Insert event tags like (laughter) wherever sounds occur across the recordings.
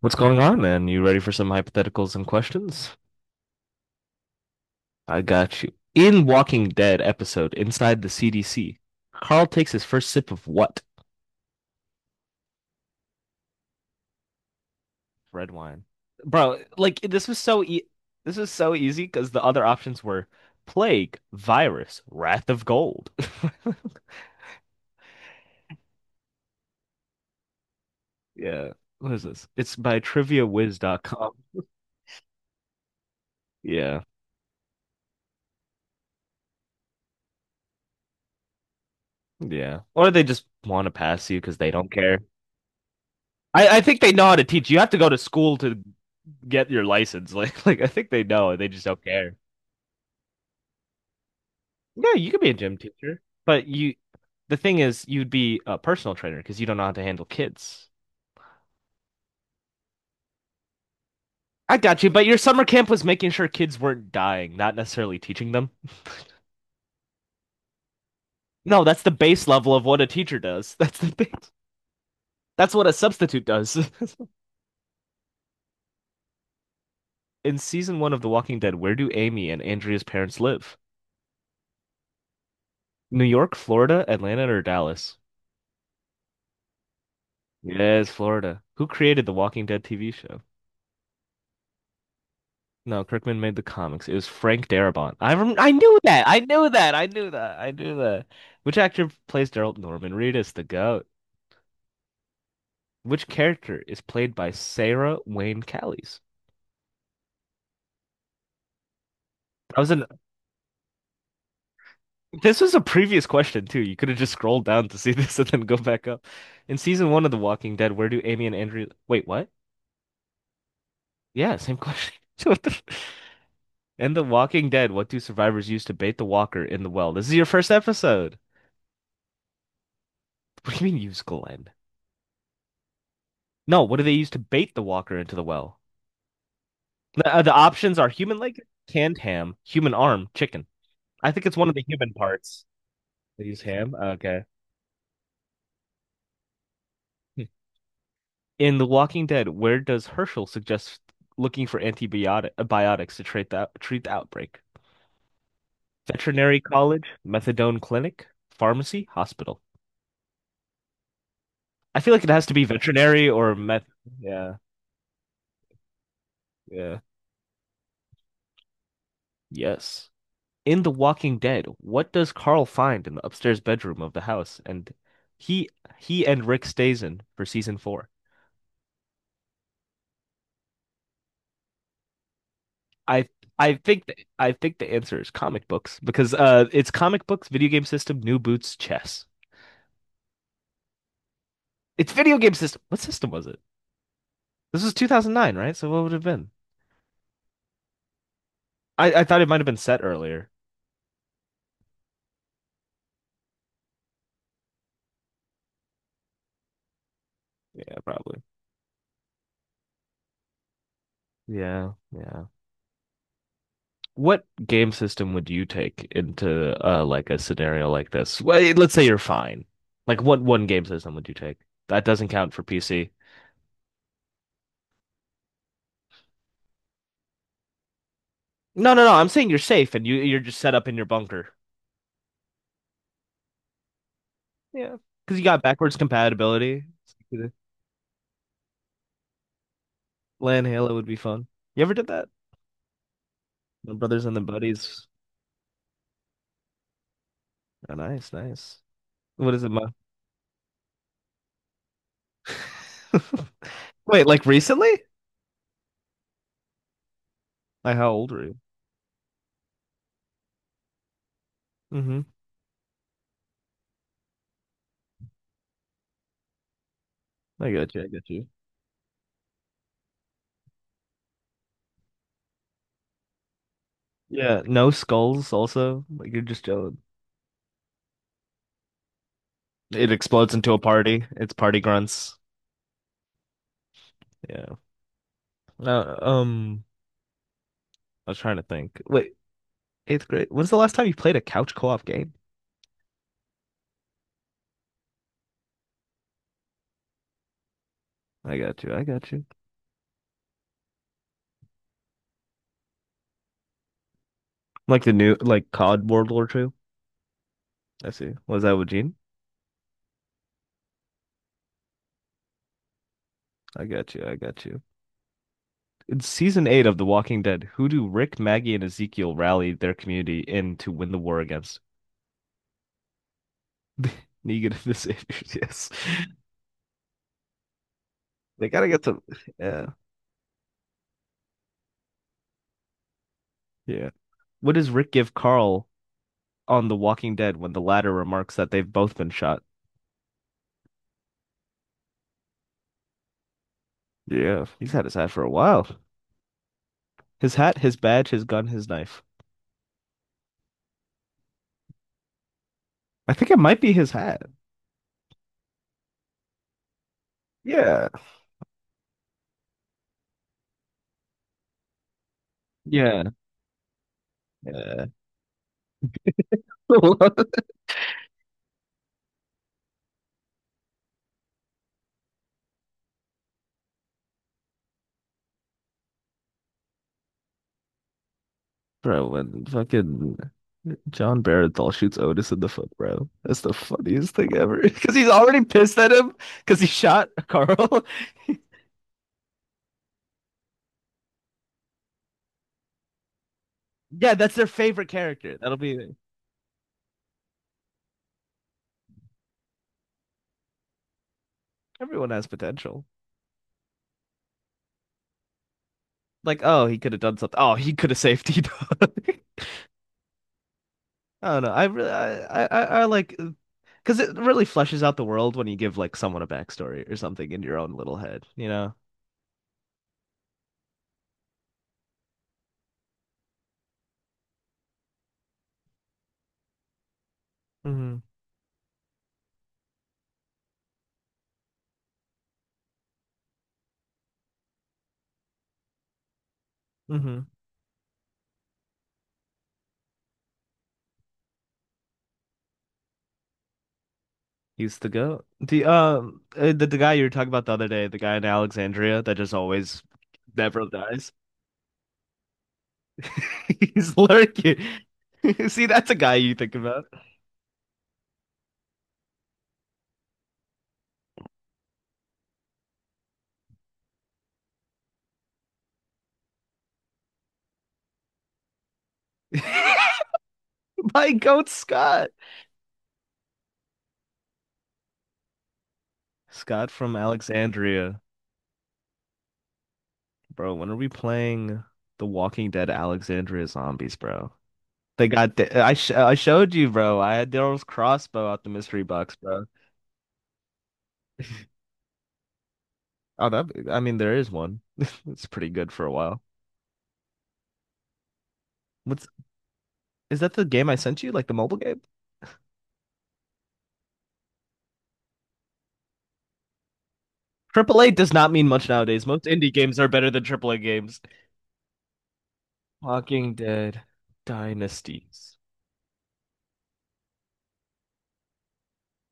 What's going on, man? You ready for some hypotheticals and questions? I got you. In Walking Dead episode, Inside the CDC, Carl takes his first sip of what? Red wine. Bro, like this was so easy because the other options were plague, virus, wrath of gold. (laughs) Yeah. What is this? It's by trivia triviawiz.com. Yeah. Yeah. Or they just want to pass you because they don't care. I think they know how to teach. You have to go to school to get your license. (laughs) Like I think they know they just don't care. Yeah, you could be a gym teacher, the thing is, you'd be a personal trainer because you don't know how to handle kids. I got you, but your summer camp was making sure kids weren't dying, not necessarily teaching them. No, that's the base level of what a teacher does. (laughs) That's the base. That's what a substitute does. (laughs) In season 1 of The Walking Dead, where do Amy and Andrea's parents live? New York, Florida, Atlanta, or Dallas? Yes, Florida. Who created The Walking Dead TV show? No, Kirkman made the comics. It was Frank Darabont. I knew that. I knew that. I knew that. I knew that. Which actor plays Daryl Norman Reedus, the goat? Which character is played by Sarah Wayne Callies? That was an This was a previous question too. You could have just scrolled down to see (laughs) this and then go back up. In season one of The Walking Dead, where do Amy and Andrew wait, what? Yeah, same question. (laughs) What the... In The Walking Dead, what do survivors use to bait the walker in the well? This is your first episode. What do you mean use Glenn? No, what do they use to bait the walker into the well? The options are human leg, canned ham, human arm, chicken. I think it's one of the human parts. They use ham. Okay. In The Walking Dead, where does Herschel suggest looking for antibiotic to treat the outbreak? Veterinary college, methadone clinic, pharmacy, hospital. I feel like it has to be veterinary or meth. Yeah. Yeah. Yes. In The Walking Dead, what does Carl find in the upstairs bedroom of the house? And he he and Rick stays in for season 4. I I think the answer is comic books because it's comic books, video game system, new boots, chess. It's video game system. What system was it? This was 2009, right? So what would it have been? I thought it might have been set earlier. Yeah, probably. Yeah, yeah. What game system would you take into like a scenario like this? Well, let's say you're fine. Like what one game system would you take? That doesn't count for PC. No, no, no. I'm saying you're safe and you're just set up in your bunker. Yeah. Because you got backwards compatibility. Land Halo would be fun. You ever did that? My brothers and the buddies. Oh, nice, nice. What is it, Ma? (laughs) Wait, like recently? Like how old are you? Mm-hmm. I got you. I got you. Yeah, no skulls also. Like you're just chilling. It explodes into a party. It's party grunts. Yeah. Uh, um, I was trying to think. Wait, eighth grade. When's the last time you played a couch co-op game? I got you. I got you. Like the new, like COD World War Two. I see. Was that with Gene? I got you. I got you. In season 8 of The Walking Dead, who do Rick, Maggie, and Ezekiel rally their community in to win the war against? Negan and the Saviors. Yes. (laughs) They gotta get some. Yeah. Yeah. What does Rick give Carl on The Walking Dead when the latter remarks that they've both been shot? Yeah, he's had his hat for a while. His hat, his badge, his gun, his knife. I think it might be his hat. Yeah, yeah, yeah. (laughs) Bro, when fucking John Barenthal shoots Otis in the foot, bro. That's the funniest thing ever. (laughs) Because he's already pissed at him because he shot Carl. (laughs) Yeah, that's their favorite character. That'll be Everyone has potential. Like, oh, he could have done something. Oh, he could have safety. Done. (laughs) I don't know. I really, I like, Because it really fleshes out the world when you give like someone a backstory or something in your own little head, you know? Hmm. Hmm. He's the goat. The guy you were talking about the other day, the guy in Alexandria that just always never dies. (laughs) He's lurking. (laughs) See, that's a guy you think about. (laughs) My goat Scott. Scott from Alexandria. Bro, when are we playing The Walking Dead Alexandria Zombies, bro? They got the, I showed you, bro. I had Daryl's crossbow out the mystery box, bro. Oh, that I mean, there is one. (laughs) It's pretty good for a while. What's Is that the game I sent you? Like the mobile game? Triple A does not mean much nowadays. Most indie games are better than triple A games. Walking Dead, Dynasties.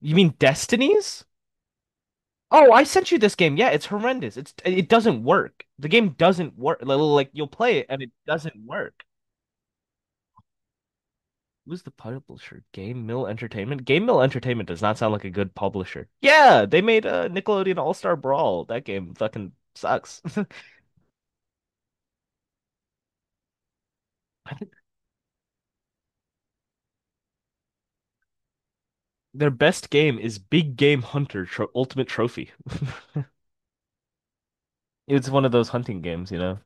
You mean Destinies? Oh, I sent you this game. Yeah, it's horrendous. It doesn't work. The game doesn't work. You'll play it and it doesn't work. Who's the publisher? Game Mill Entertainment? Game Mill Entertainment does not sound like a good publisher. Yeah, they made Nickelodeon All-Star Brawl. That game fucking sucks. (laughs) Their best game is Big Game Hunter Tro Ultimate Trophy. (laughs) It's one of those hunting games, you know.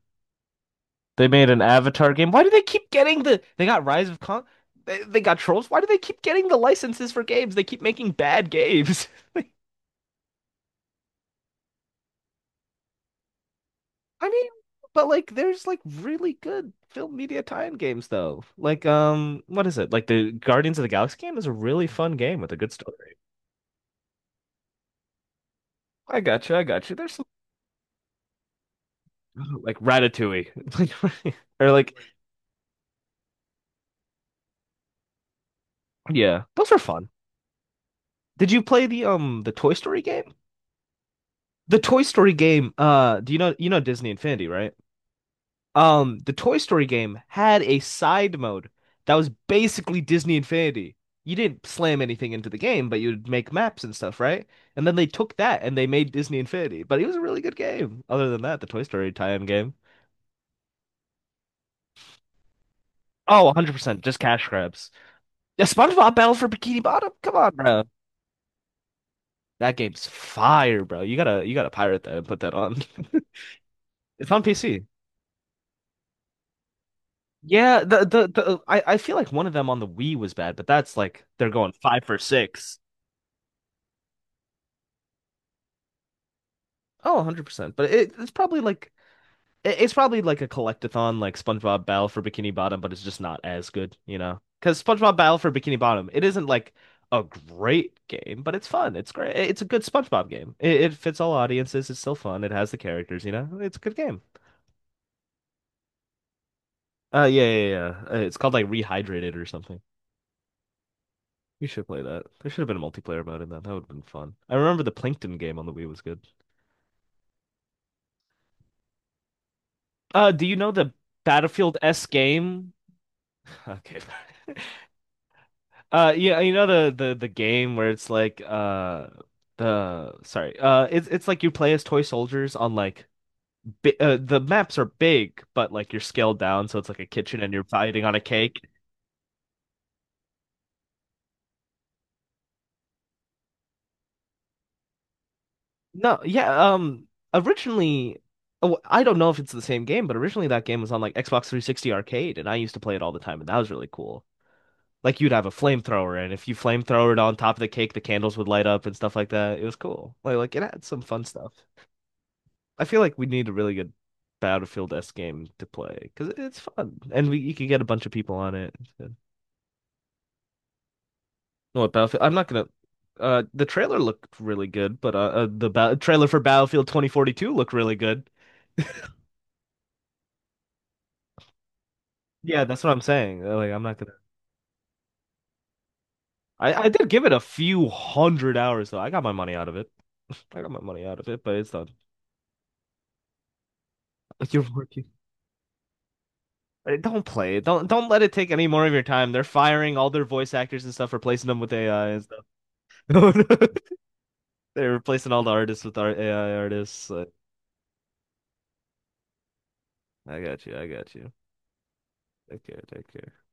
They made an Avatar game. Why do they keep getting the? They got Rise of Kong. They got Trolls. Why do they keep getting the licenses for games? They keep making bad games. (laughs) Like, I mean, but like there's like really good film media tie-in games though. Like what is it? Like the Guardians of the Galaxy game is a really fun game with a good story. I got you. I got you. Like Ratatouille. (laughs) Like or like yeah, those are fun. Did you play the Toy Story game? The Toy Story game, do you know Disney Infinity, right? The Toy Story game had a side mode that was basically Disney Infinity. You didn't slam anything into the game, but you'd make maps and stuff, right? And then they took that and they made Disney Infinity. But it was a really good game. Other than that, the Toy Story tie-in game. Oh, 100%, just cash grabs. Yeah, SpongeBob Battle for Bikini Bottom. Come on, bro. That game's fire, bro. You gotta pirate that and put that on. (laughs) It's on PC. Yeah, the I feel like one of them on the Wii was bad, but that's like they're going five for six. Oh, 100%. But it, it's probably like it- It's probably like a collectathon like SpongeBob Battle for Bikini Bottom, but it's just not as good, you know? Because SpongeBob Battle for Bikini Bottom, it isn't like a great game, but it's fun. It's great. It's a good SpongeBob game. It fits all audiences. It's still fun. It has the characters, you know? It's a good game. Yeah. It's called like Rehydrated or something. We should play that. There should have been a multiplayer mode in that. That would have been fun. I remember the Plankton game on the Wii was good. Do you know the Battlefield S game? (laughs) Okay. (laughs) Yeah, you know the game where it's like the sorry it's like you play as toy soldiers on like bi the maps are big but like you're scaled down so it's like a kitchen and you're fighting on a cake. No, yeah, originally oh, I don't know if it's the same game but originally that game was on like Xbox 360 Arcade and I used to play it all the time and that was really cool. Like you'd have a flamethrower and if you flamethrower it on top of the cake the candles would light up and stuff like that. It was cool. It had some fun stuff. I feel like we need a really good Battlefield S game to play because it's fun and we you could get a bunch of people on it. No, what Battlefield? I'm not gonna. The trailer looked really good, but trailer for Battlefield 2042 looked really good. Yeah, that's what I'm saying. Like, I'm not gonna. I did give it a few 100 hours though. I got my money out of it. (laughs) I got my money out of it, but it's done. (laughs) You're working. Don't play it. Don't let it take any more of your time. They're firing all their voice actors and stuff, replacing them with AI and stuff. (laughs) They're replacing all the artists with our AI artists. Like, I got you. I got you. Take care. Take care.